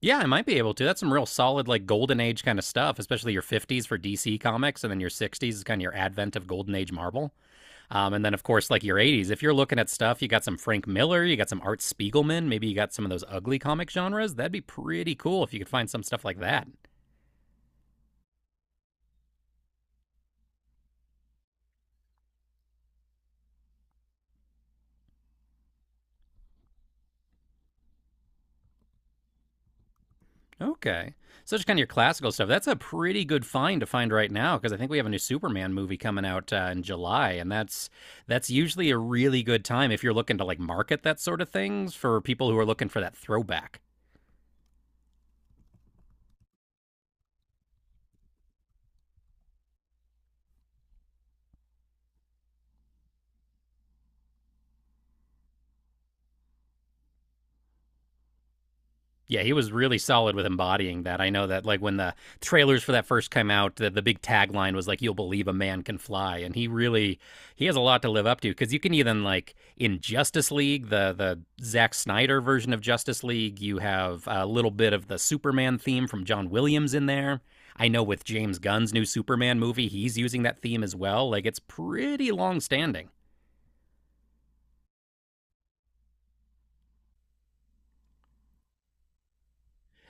Yeah, I might be able to. That's some real solid, like, golden age kind of stuff, especially your 50s for DC comics, and then your 60s is kind of your advent of golden age Marvel. And then, of course, like your 80s, if you're looking at stuff, you got some Frank Miller, you got some Art Spiegelman, maybe you got some of those ugly comic genres. That'd be pretty cool if you could find some stuff like that. Okay. So just kind of your classical stuff. That's a pretty good find to find right now because I think we have a new Superman movie coming out in July, and that's usually a really good time if you're looking to like market that sort of things for people who are looking for that throwback. Yeah, he was really solid with embodying that. I know that, like, when the trailers for that first came out, the big tagline was like, you'll believe a man can fly, and he really, he has a lot to live up to, cuz you can even like in Justice League, the Zack Snyder version of Justice League, you have a little bit of the Superman theme from John Williams in there. I know with James Gunn's new Superman movie, he's using that theme as well. Like, it's pretty long standing.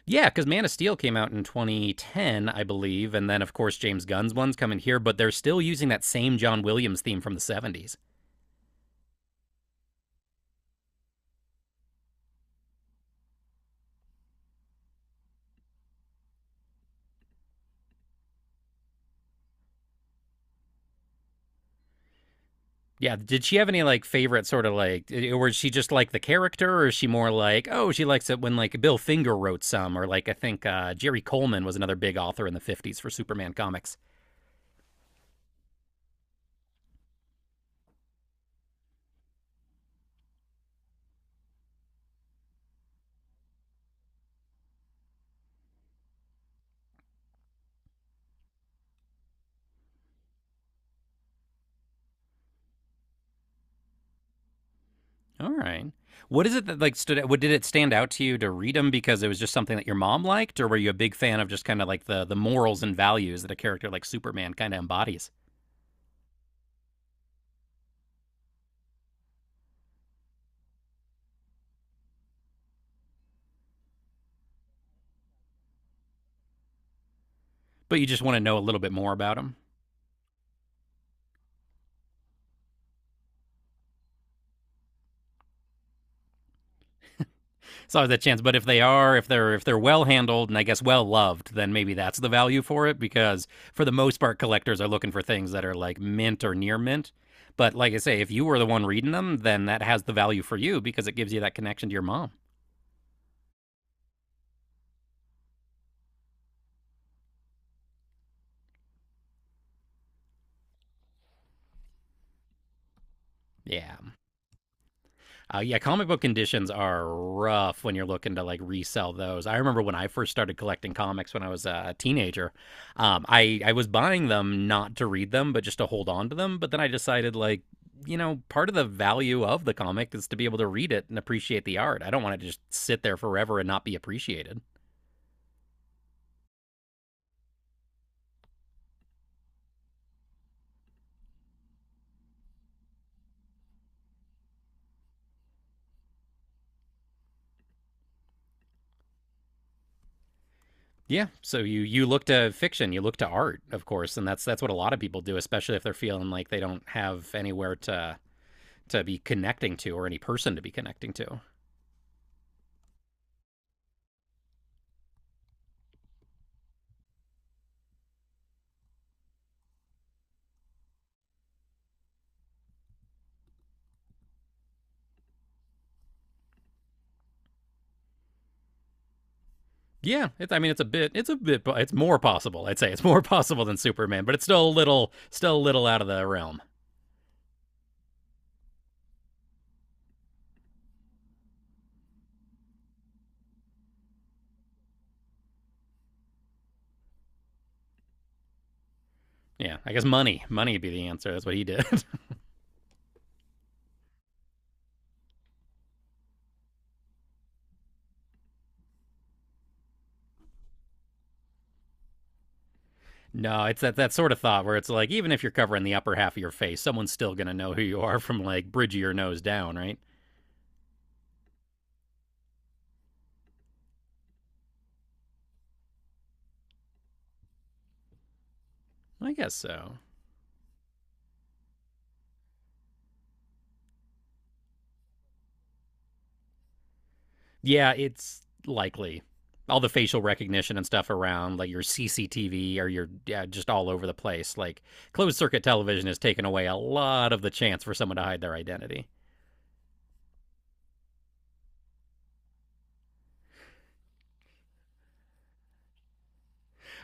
Yeah, because Man of Steel came out in 2010, I believe, and then of course James Gunn's one's coming here, but they're still using that same John Williams theme from the 70s. Yeah, did she have any like favorite sort of, like, or is she just like the character, or is she more like, oh, she likes it when like Bill Finger wrote some, or like I think Jerry Coleman was another big author in the 50s for Superman comics. All right. What is it that like stood out? What did it stand out to you to read them because it was just something that your mom liked, or were you a big fan of just kind of like the morals and values that a character like Superman kind of embodies? But you just want to know a little bit more about them. It's always that chance. But if they are, if they're, if they're well handled and I guess well loved, then maybe that's the value for it because for the most part, collectors are looking for things that are like mint or near mint. But like I say, if you were the one reading them, then that has the value for you because it gives you that connection to your mom. Yeah. Yeah, comic book conditions are rough when you're looking to like resell those. I remember when I first started collecting comics when I was a teenager. I was buying them not to read them, but just to hold on to them. But then I decided, like, part of the value of the comic is to be able to read it and appreciate the art. I don't want it to just sit there forever and not be appreciated. Yeah, so you look to fiction, you look to art, of course, and that's what a lot of people do, especially if they're feeling like they don't have anywhere to be connecting to or any person to be connecting to. Yeah, it's, I mean, it's a bit, it's a bit, it's more possible. I'd say it's more possible than Superman, but it's still a little out of the realm. Yeah, I guess money, money would be the answer. That's what he did. No, it's that, that sort of thought where it's like, even if you're covering the upper half of your face, someone's still gonna know who you are from like bridge of your nose down, right? I guess so. Yeah, it's likely. All the facial recognition and stuff around, like your CCTV or your, yeah, just all over the place. Like, closed circuit television has taken away a lot of the chance for someone to hide their identity.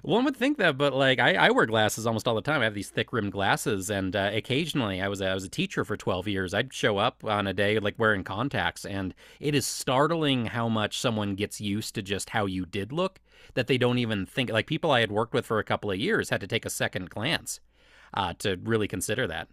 One would think that, but like I wear glasses almost all the time. I have these thick rimmed glasses, and occasionally I was a teacher for 12 years. I'd show up on a day like wearing contacts, and it is startling how much someone gets used to just how you did look that they don't even think. Like, people I had worked with for a couple of years had to take a second glance to really consider that.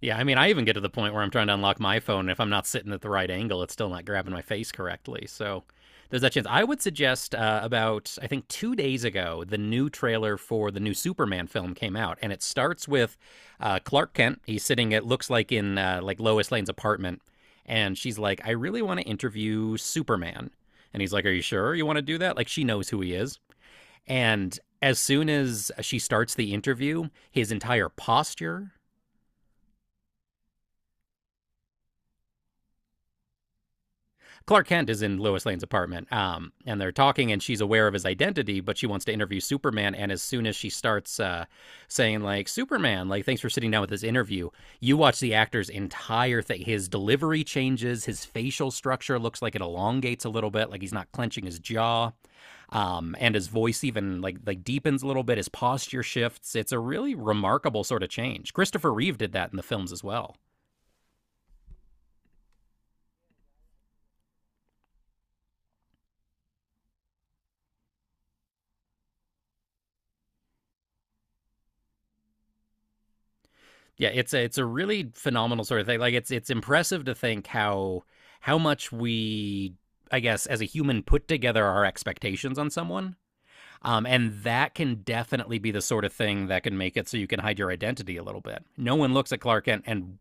Yeah, I mean, I even get to the point where I'm trying to unlock my phone. And if I'm not sitting at the right angle, it's still not grabbing my face correctly. So there's that chance. I would suggest about, I think, 2 days ago, the new trailer for the new Superman film came out. And it starts with Clark Kent. He's sitting, it looks like, in like Lois Lane's apartment. And she's like, I really want to interview Superman. And he's like, are you sure you want to do that? Like, she knows who he is. And as soon as she starts the interview, his entire posture. Clark Kent is in Lois Lane's apartment, and they're talking, and she's aware of his identity, but she wants to interview Superman. And as soon as she starts saying like, Superman, like, thanks for sitting down with this interview, you watch the actor's entire thing. His delivery changes, his facial structure looks like it elongates a little bit, like he's not clenching his jaw, and his voice even like deepens a little bit. His posture shifts. It's a really remarkable sort of change. Christopher Reeve did that in the films as well. Yeah, it's a, it's a really phenomenal sort of thing. Like, it's impressive to think how much we, I guess, as a human put together our expectations on someone. And that can definitely be the sort of thing that can make it so you can hide your identity a little bit. No one looks at Clark Kent, and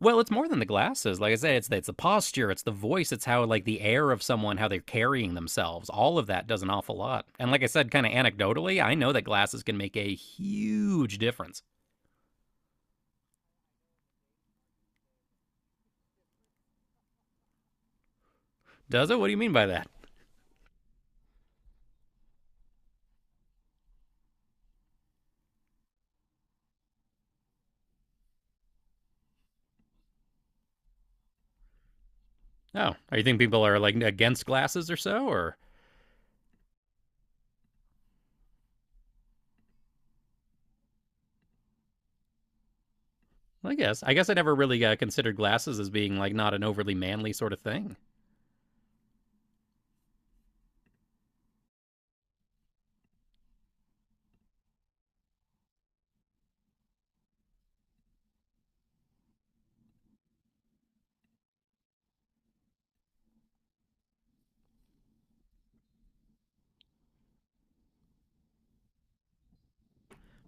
well, it's more than the glasses. Like I said, it's the posture, it's the voice, it's how like the air of someone, how they're carrying themselves. All of that does an awful lot. And like I said, kind of anecdotally, I know that glasses can make a huge difference. Does it? What do you mean by that? Oh, are you think people are like against glasses or so? Or, well, I guess I never really considered glasses as being like not an overly manly sort of thing.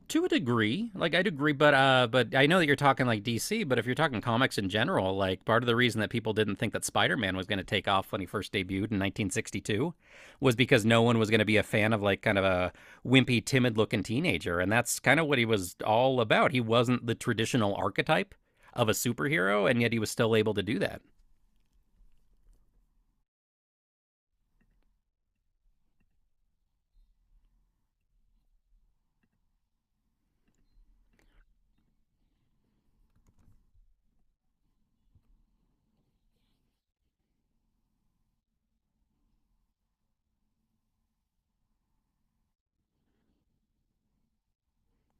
To a degree, like, I would agree, but I know that you're talking like DC, but if you're talking comics in general, like, part of the reason that people didn't think that Spider-Man was going to take off when he first debuted in 1962 was because no one was going to be a fan of like kind of a wimpy, timid looking teenager, and that's kind of what he was all about. He wasn't the traditional archetype of a superhero, and yet he was still able to do that.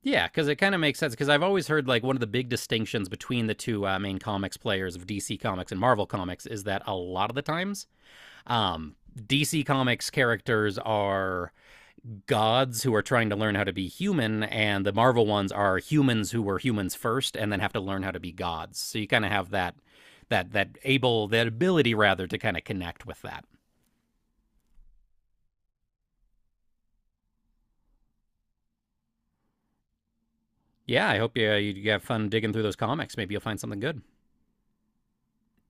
Yeah, because it kind of makes sense. Because I've always heard like one of the big distinctions between the two main comics players of DC Comics and Marvel Comics is that a lot of the times, DC Comics characters are gods who are trying to learn how to be human, and the Marvel ones are humans who were humans first and then have to learn how to be gods. So you kind of have that, that that able that ability rather to kind of connect with that. Yeah, I hope, yeah, you have fun digging through those comics. Maybe you'll find something good.